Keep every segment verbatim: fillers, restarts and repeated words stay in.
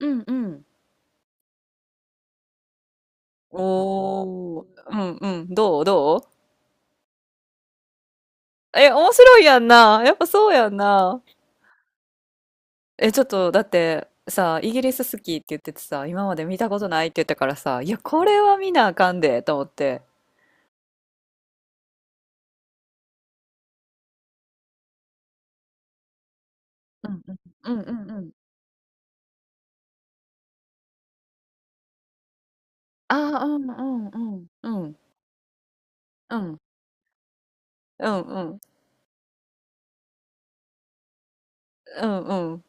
うんうん。おー、うんうん、どうどう？え、面白いやんな。やっぱそうやんな。え、ちょっと、だって、さ、イギリス好きって言っててさ、今まで見たことないって言ったからさ、いや、これは見なあかんで、と思って。うんうんうんうんうん。ああ、うんうんうん。うんうん。うんうん。うんうんうん。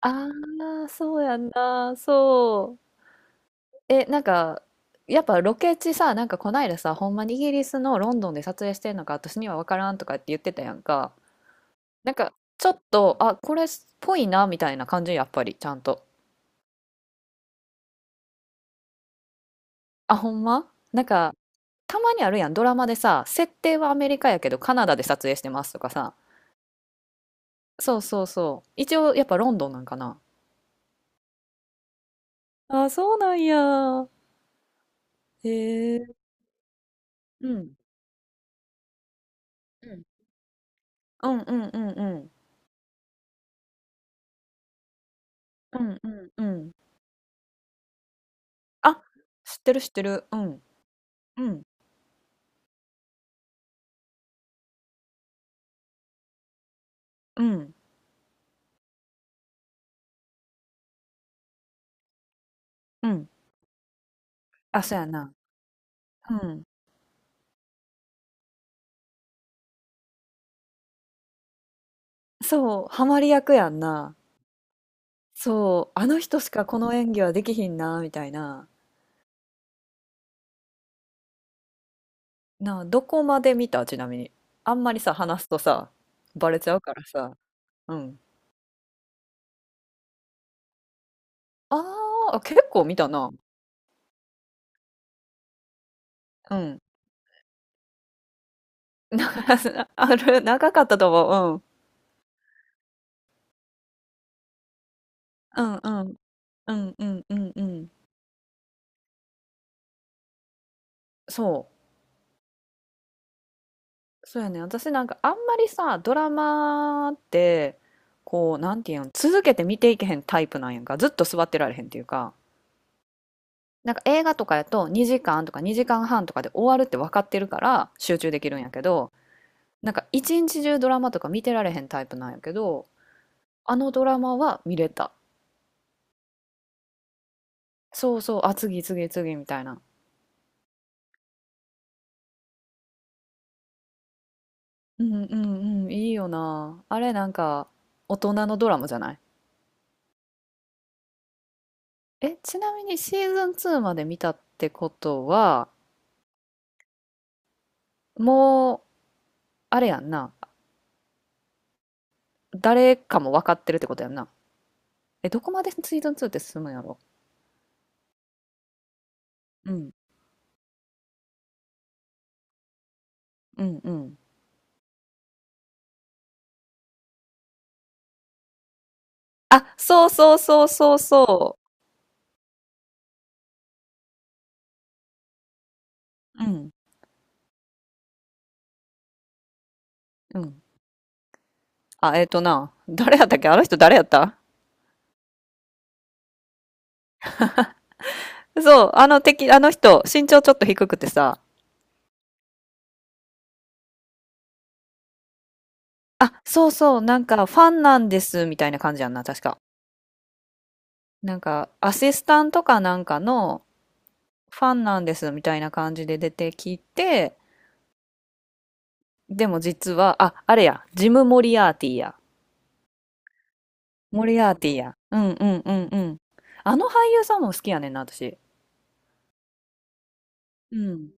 ああ、そうやんな。そう。え、なんか、やっぱロケ地さ、なんかこないださ、ほんまにイギリスのロンドンで撮影してんのか、私には分からんとかって言ってたやんか。なんか、ちょっと、あ、これっぽいな、みたいな感じ、やっぱり、ちゃんと。あ、ほんまなんか、たまにあるやん、ドラマでさ、設定はアメリカやけど、カナダで撮影してますとかさ。そうそうそう。一応、やっぱロンドンなんかな。あ、そうなんや。へえ。うん。うんうんうんうんうん。うんうんうん。あ、知ってる知ってる。うん。うん。うん。うん。あ、そうやな。うん。そう、ハマり役やんな。そう、あの人しかこの演技はできひんな、みたいな。なあ、どこまで見たちなみに？あんまりさ、話すとさ、バレちゃうからさ。うん。ああ、結構見たな。うん。な ある、長かったと思う。うん。うんうんうんうんうん。そう。そうやね。私なんかあんまりさ、ドラマって、こう、なんていうん、続けて見ていけへんタイプなんやんか。ずっと座ってられへんっていうか。なんか映画とかやとにじかんとかにじかんはんとかで終わるって分かってるから集中できるんやけど、なんか一日中ドラマとか見てられへんタイプなんやけど、あのドラマは見れた。そうそう、あ、次次次みたいな。うんうんうん、いいよな。あれなんか大人のドラマじゃない？え、ちなみにシーズンツーまで見たってことは、もう、あれやんな。誰かも分かってるってことやんな。え、どこまでシーズンツーって進むんやろ？うん、うん、うん。あ、そうそうそうそうそううん。う。ん。あ、えっとな、誰やったっけあの人誰やった？そう、あの敵、あの人、身長ちょっと低くてさ、あ、そうそう、なんかファンなんです、みたいな感じやんな、確か。なんか、アシスタントかなんかの、ファンなんです、みたいな感じで出てきて、でも実は、あ、あれや、ジム・モリアーティや。モリアーティや。うんうんうんうん。あの俳優さんも好きやねんな、私。うん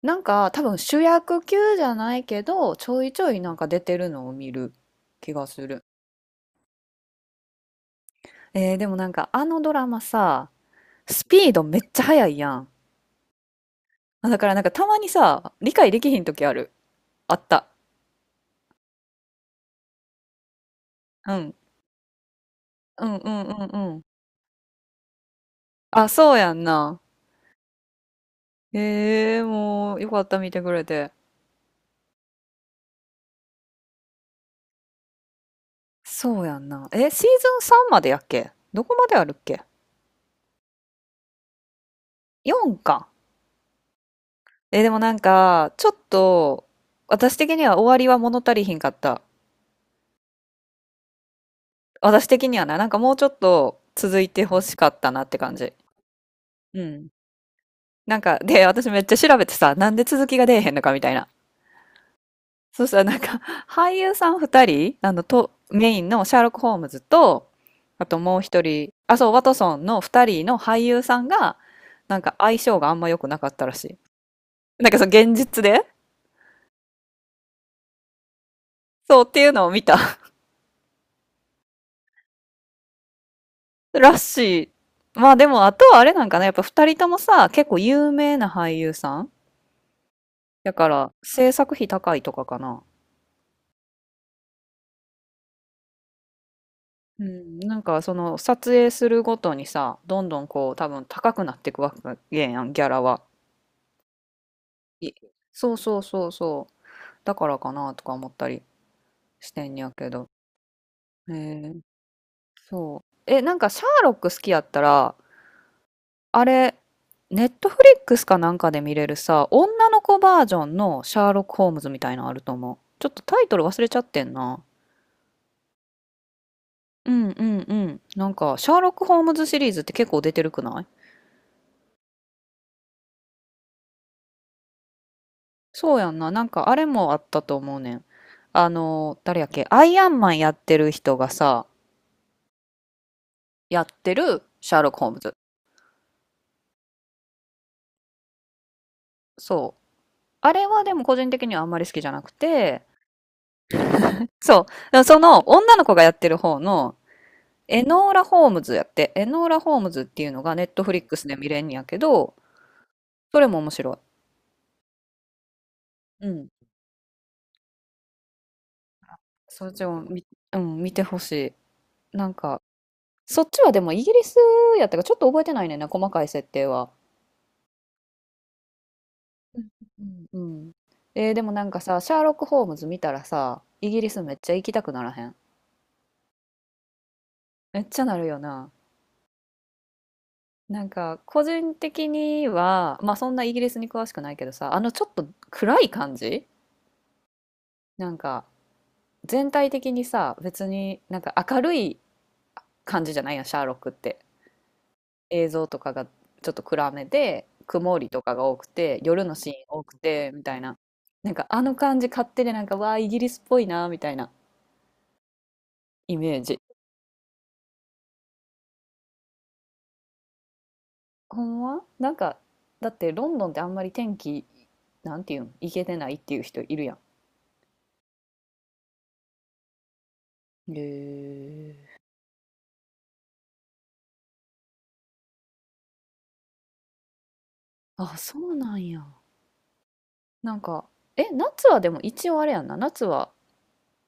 なんか多分主役級じゃないけどちょいちょいなんか出てるのを見る気がする。えー、でもなんかあのドラマさ、スピードめっちゃ速いやん。あだからなんかたまにさ、理解できひん時ある。あった。うん。うんうんうんうん。あ、そうやんな。ええー、もうよかった見てくれて。そうやんな。え、シーズンスリーまでやっけどこまであるっけ ?フォー か。え、でもなんか、ちょっと、私的には終わりは物足りひんかった。私的にはな、なんかもうちょっと続いてほしかったなって感じ。うん。なんか、で、私めっちゃ調べてさ、なんで続きが出えへんのかみたいな。そしたらなんか、俳優さん二人、あの、と、メインのシャーロック・ホームズと、あともうひとり、あ、そう、ワトソンの二人の俳優さんが、なんか相性があんま良くなかったらしい。なんかその現実でそうっていうのを見た らしい。まあでも、あとはあれなんかな、やっぱ二人ともさ、結構有名な俳優さんだから制作費高いとかかな。うん、なんかその撮影するごとにさ、どんどんこう多分高くなっていくわけやん、ギャラは。いそうそうそうそう。だからかなとか思ったりしてんやけど。えー、そう。え、なんかシャーロック好きやったら、あれ、ネットフリックスかなんかで見れるさ、女の子バージョンのシャーロック・ホームズみたいなのあると思う。ちょっとタイトル忘れちゃってんな。うんうんうん。なんか、シャーロック・ホームズシリーズって結構出てるくない？そうやんな。なんかあれもあったと思うねん。あの、誰やっけアイアンマンやってる人がさ、やってるシャーロック・ホームズ。そう。あれはでも個人的にはあんまり好きじゃなくて、そう。でもその女の子がやってる方のエノーラ・ホームズやって、エノーラ・ホームズっていうのがネットフリックスで見れんやけど、それも面白い。うん。そっちも見、うん、見てほしい。なんか、そっちはでもイギリスやったからちょっと覚えてないねんな、細かい設定は。うんうんうん。えーでもなんかさ、シャーロック・ホームズ見たらさ、イギリスめっちゃ行きたくならへん？めっちゃなるよな。なんか個人的には、まあそんなイギリスに詳しくないけどさ、あのちょっと暗い感じなんか全体的にさ、別になんか明るい感じじゃないやん、シャーロックって。映像とかがちょっと暗めで、曇りとかが多くて、夜のシーン多くて、みたいな。なんかあの感じ勝手でなんか、わあ、イギリスっぽいな、みたいなイメージ。ほんまなんか、だってロンドンってあんまり天気、なんていうん行けてないっていう人いるやん。へえ。あ、そうなんや。なんか、え、夏はでも一応あれやんな。夏は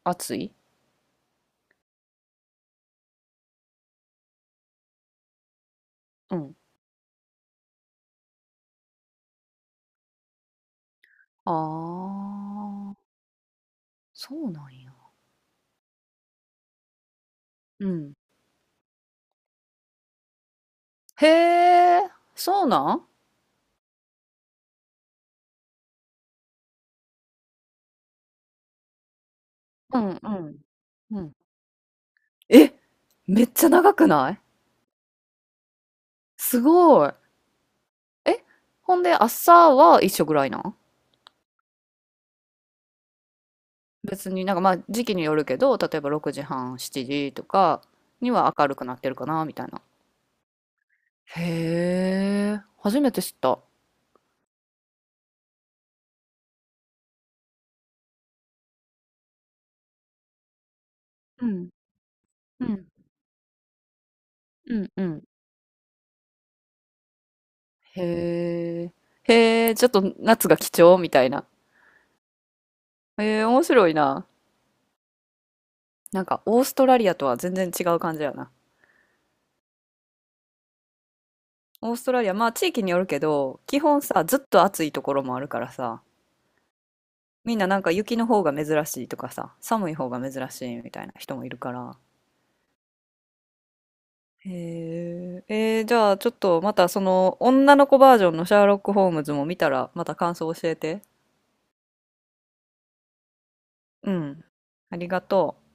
暑い？うん。ああ、そうなんや。うん。へえ、そうなん？うんうん。うん。え、めっちゃ長くない？すごい。え、ほんで朝は一緒ぐらいなん？別になんかまあ時期によるけど、例えばろくじはん、しちじとかには明るくなってるかな、みたいな。へえ、初めて知った。うん、うん、うん、うん。へえ。へえ、ちょっと夏が貴重みたいな。へえ、面白いな。なんか、オーストラリアとは全然違う感じやな。オーストラリア、まあ地域によるけど、基本さ、ずっと暑いところもあるからさ、みんななんか雪の方が珍しいとかさ、寒い方が珍しいみたいな人もいるから、へえ、えーじゃあちょっとまたその女の子バージョンのシャーロック・ホームズも見たらまた感想教えて。うん。ありがとう。